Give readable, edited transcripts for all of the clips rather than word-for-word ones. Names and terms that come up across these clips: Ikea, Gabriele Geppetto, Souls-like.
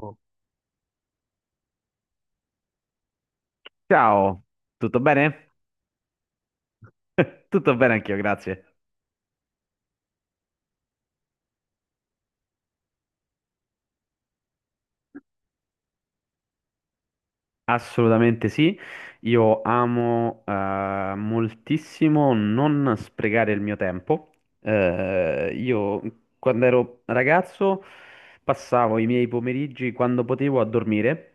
Oh. Ciao, tutto bene? Tutto bene anch'io, grazie. Assolutamente sì, io amo moltissimo non sprecare il mio tempo. Io quando ero ragazzo passavo i miei pomeriggi quando potevo a dormire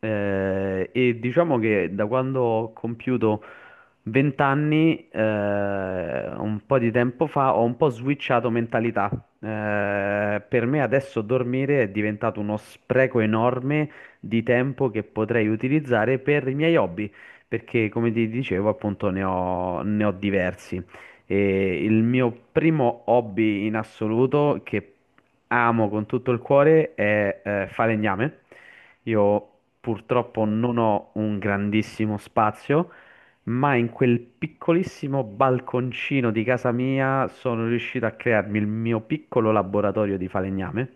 e diciamo che da quando ho compiuto 20 anni, un po' di tempo fa, ho un po' switchato mentalità. Per me adesso dormire è diventato uno spreco enorme di tempo che potrei utilizzare per i miei hobby, perché come ti dicevo, appunto, ne ho diversi. E il mio primo hobby in assoluto che amo con tutto il cuore è falegname. Io purtroppo non ho un grandissimo spazio, ma in quel piccolissimo balconcino di casa mia sono riuscito a crearmi il mio piccolo laboratorio di falegname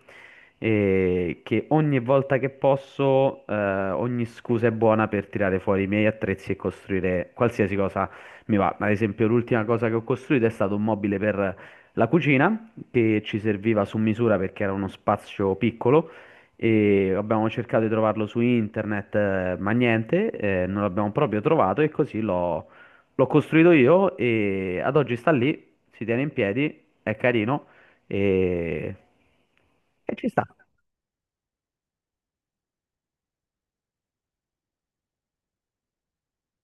e che ogni volta che posso, ogni scusa è buona per tirare fuori i miei attrezzi e costruire qualsiasi cosa mi va. Ad esempio, l'ultima cosa che ho costruito è stato un mobile per la cucina che ci serviva su misura perché era uno spazio piccolo. E abbiamo cercato di trovarlo su internet, ma niente, non l'abbiamo proprio trovato e così l'ho costruito io e ad oggi sta lì, si tiene in piedi, è carino e, e ci sta.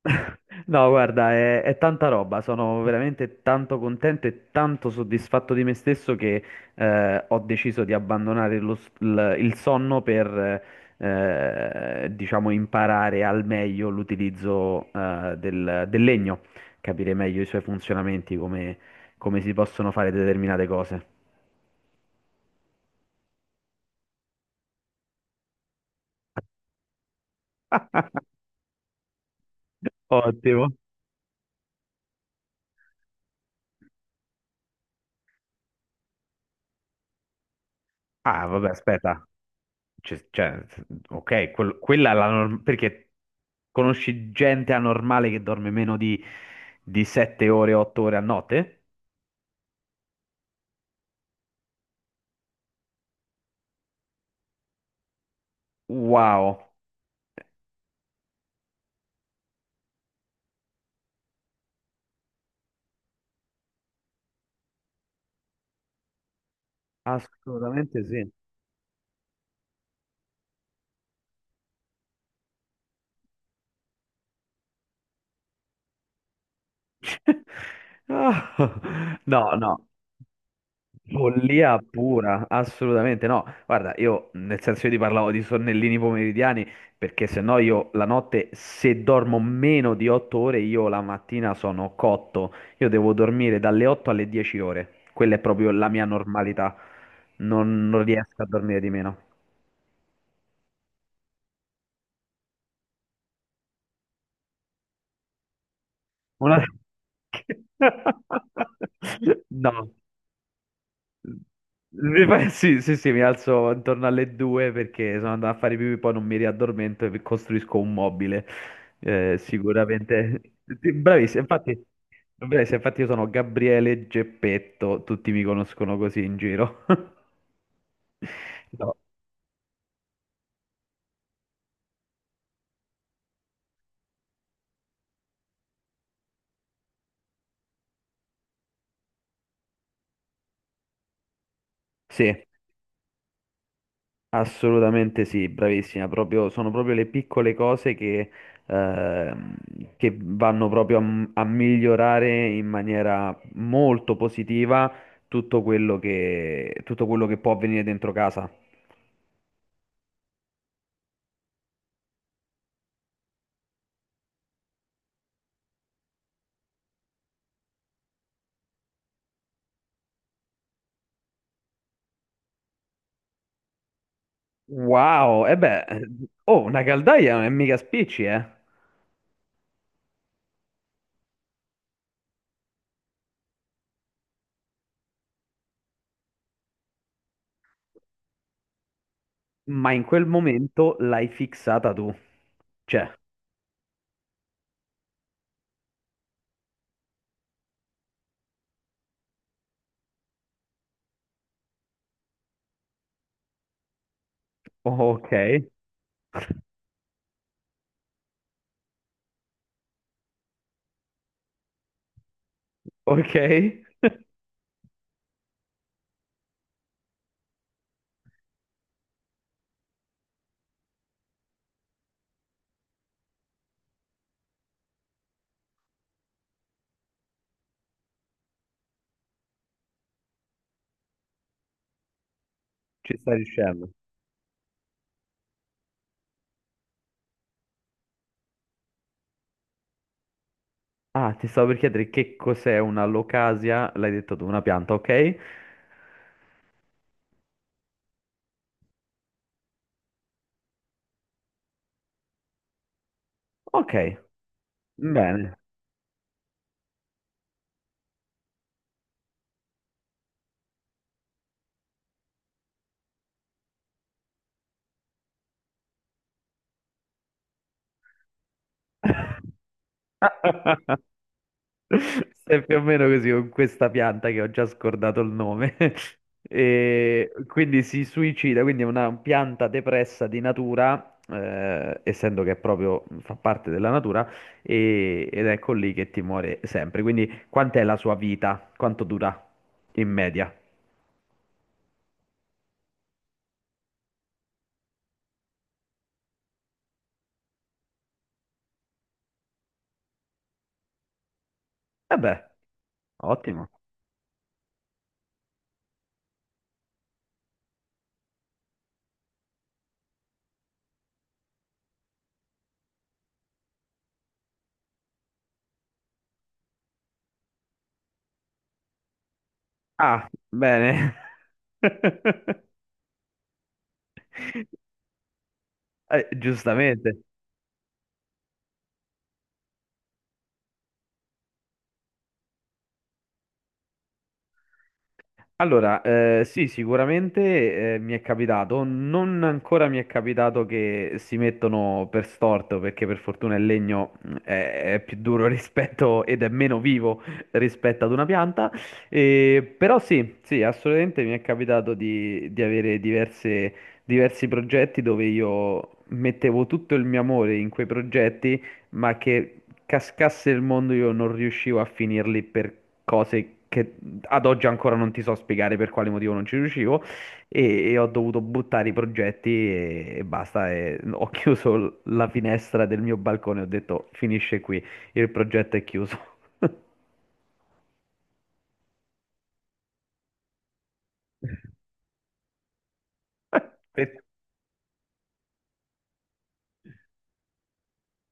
No, guarda, è tanta roba, sono veramente tanto contento e tanto soddisfatto di me stesso che ho deciso di abbandonare il sonno per, diciamo, imparare al meglio l'utilizzo del legno, capire meglio i suoi funzionamenti, come, come si possono fare determinate cose. Ottimo. Ah, vabbè, aspetta. Cioè, ok, quella è la norma, perché conosci gente anormale che dorme meno di 7 ore, 8 ore a notte? Wow, assolutamente sì. Ah, no, no. Follia pura, assolutamente no. Guarda, io nel senso io ti parlavo di sonnellini pomeridiani perché se no io la notte se dormo meno di 8 ore io la mattina sono cotto. Io devo dormire dalle 8 alle 10 ore. Quella è proprio la mia normalità. Non, non riesco a dormire di meno. Una- No, mi fa- Sì, sì, sì, mi alzo intorno alle due perché sono andato a fare pipì, poi non mi riaddormento e costruisco un mobile. Sicuramente. Sì, bravissimo, infatti, bravissimo, infatti io sono Gabriele Geppetto, tutti mi conoscono così in giro. No, sì. Assolutamente sì, bravissima, proprio, sono proprio le piccole cose ehm, che vanno proprio a, m- a migliorare in maniera molto positiva tutto quello che può avvenire dentro casa. Wow, e beh, oh, una caldaia non è mica spicci, eh? Ma in quel momento l'hai fissata tu. Cioè, ok, ok, ci stai riuscendo. Ah, ti stavo per chiedere che cos'è una locasia, l'hai detto tu, una pianta, ok? Ok, bene. È più o meno così con questa pianta che ho già scordato il nome. E quindi si suicida, quindi è una pianta depressa di natura, essendo che è proprio fa parte della natura, e- ed ecco lì che ti muore sempre. Quindi quant'è la sua vita? Quanto dura in media? Vabbè, ottimo. Ah, bene. Giustamente. Allora, sì, sicuramente mi è capitato, non ancora mi è capitato che si mettono per storto, perché per fortuna il legno è più duro rispetto ed è meno vivo rispetto ad una pianta. Però sì, sì, assolutamente mi è capitato di avere diverse- diversi progetti dove io mettevo tutto il mio amore in quei progetti, ma che cascasse il mondo io non riuscivo a finirli per cose che ad oggi ancora non ti so spiegare per quale motivo non ci riuscivo e ho dovuto buttare i progetti e basta. E ho chiuso l- la finestra del mio balcone, ho detto finisce qui, il progetto è chiuso. Per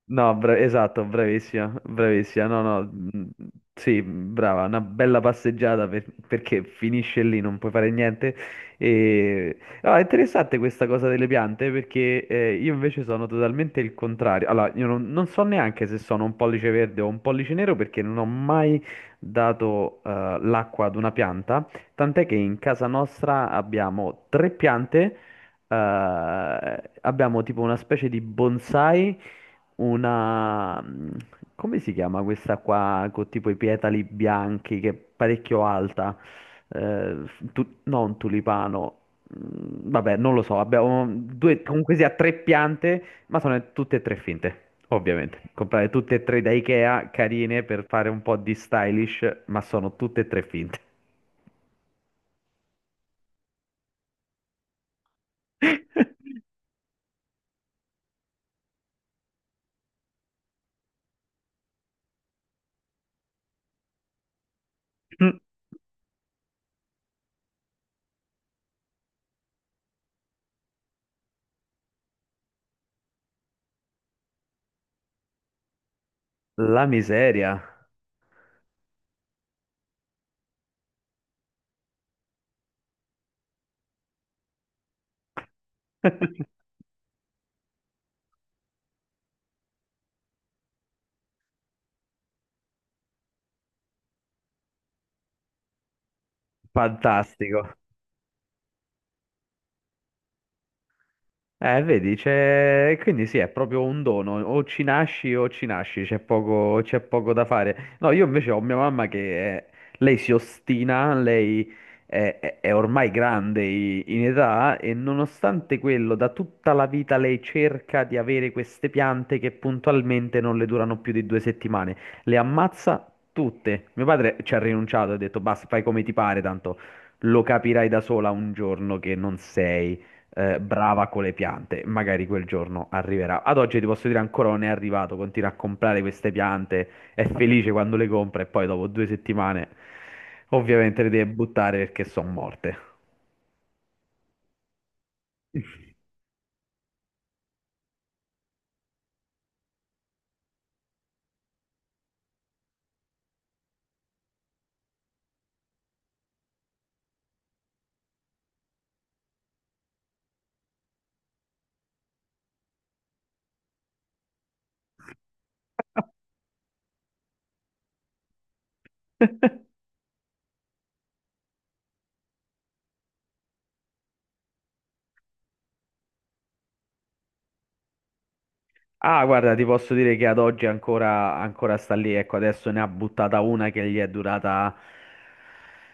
no, bra- esatto, bravissima, bravissima. No, no, sì, brava, una bella passeggiata per- perché finisce lì, non puoi fare niente. E... no, è interessante questa cosa delle piante perché io invece sono totalmente il contrario. Allora, io non so neanche se sono un pollice verde o un pollice nero perché non ho mai dato l'acqua ad una pianta, tant'è che in casa nostra abbiamo tre piante. Eh, abbiamo tipo una specie di bonsai una... come si chiama questa qua con tipo i petali bianchi che è parecchio alta? Eh, tu- no, un tulipano. Vabbè, non lo so, abbiamo due, comunque sia tre piante, ma sono tutte e tre finte, ovviamente. Comprare tutte e tre da Ikea, carine per fare un po' di stylish, ma sono tutte e tre finte. La miseria. Fantastico. Vedi, c'è... quindi sì, è proprio un dono, o ci nasci, c'è poco da fare. No, io invece ho mia mamma che lei si ostina, è ormai grande in età e nonostante quello, da tutta la vita lei cerca di avere queste piante che puntualmente non le durano più di due settimane, le ammazza tutte. Mio padre ci ha rinunciato, ha detto basta, fai come ti pare, tanto lo capirai da sola un giorno che non sei brava con le piante, magari quel giorno arriverà. Ad oggi ti posso dire ancora non è arrivato, continua a comprare queste piante, è felice quando le compra e poi dopo due settimane ovviamente le deve buttare perché sono morte. Ah, guarda, ti posso dire che ad oggi ancora sta lì. Ecco, adesso ne ha buttata una che gli è durata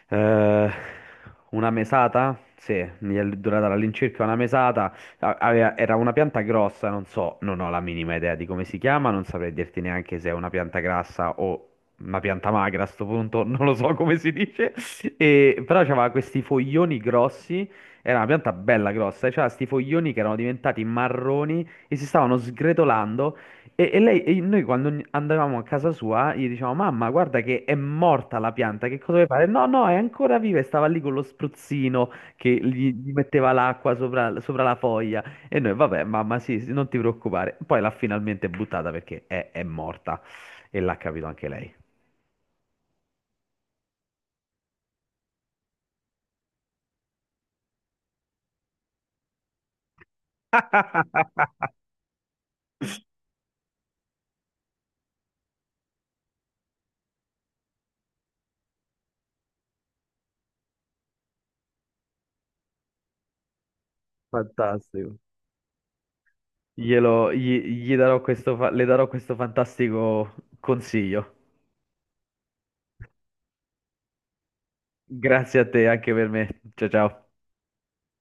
eh, una mesata. Sì, gli è durata all'incirca una mesata. Era una pianta grossa, non so, non ho la minima idea di come si chiama, non saprei dirti neanche se è una pianta grassa o una pianta magra a sto punto, non lo so come si dice. E, però aveva questi foglioni grossi, era una pianta bella grossa, e c'aveva questi foglioni che erano diventati marroni e si stavano sgretolando e lei, e noi quando ogni- andavamo a casa sua gli dicevamo mamma guarda che è morta la pianta, che cosa vuoi fare? No no è ancora viva e stava lì con lo spruzzino che gli metteva l'acqua sopra, sopra la foglia e noi vabbè mamma sì, sì, non ti preoccupare poi l'ha finalmente buttata perché è morta e l'ha capito anche lei. Fantastico, gli darò questo le darò questo fantastico consiglio. Grazie a te, anche per me, ciao ciao.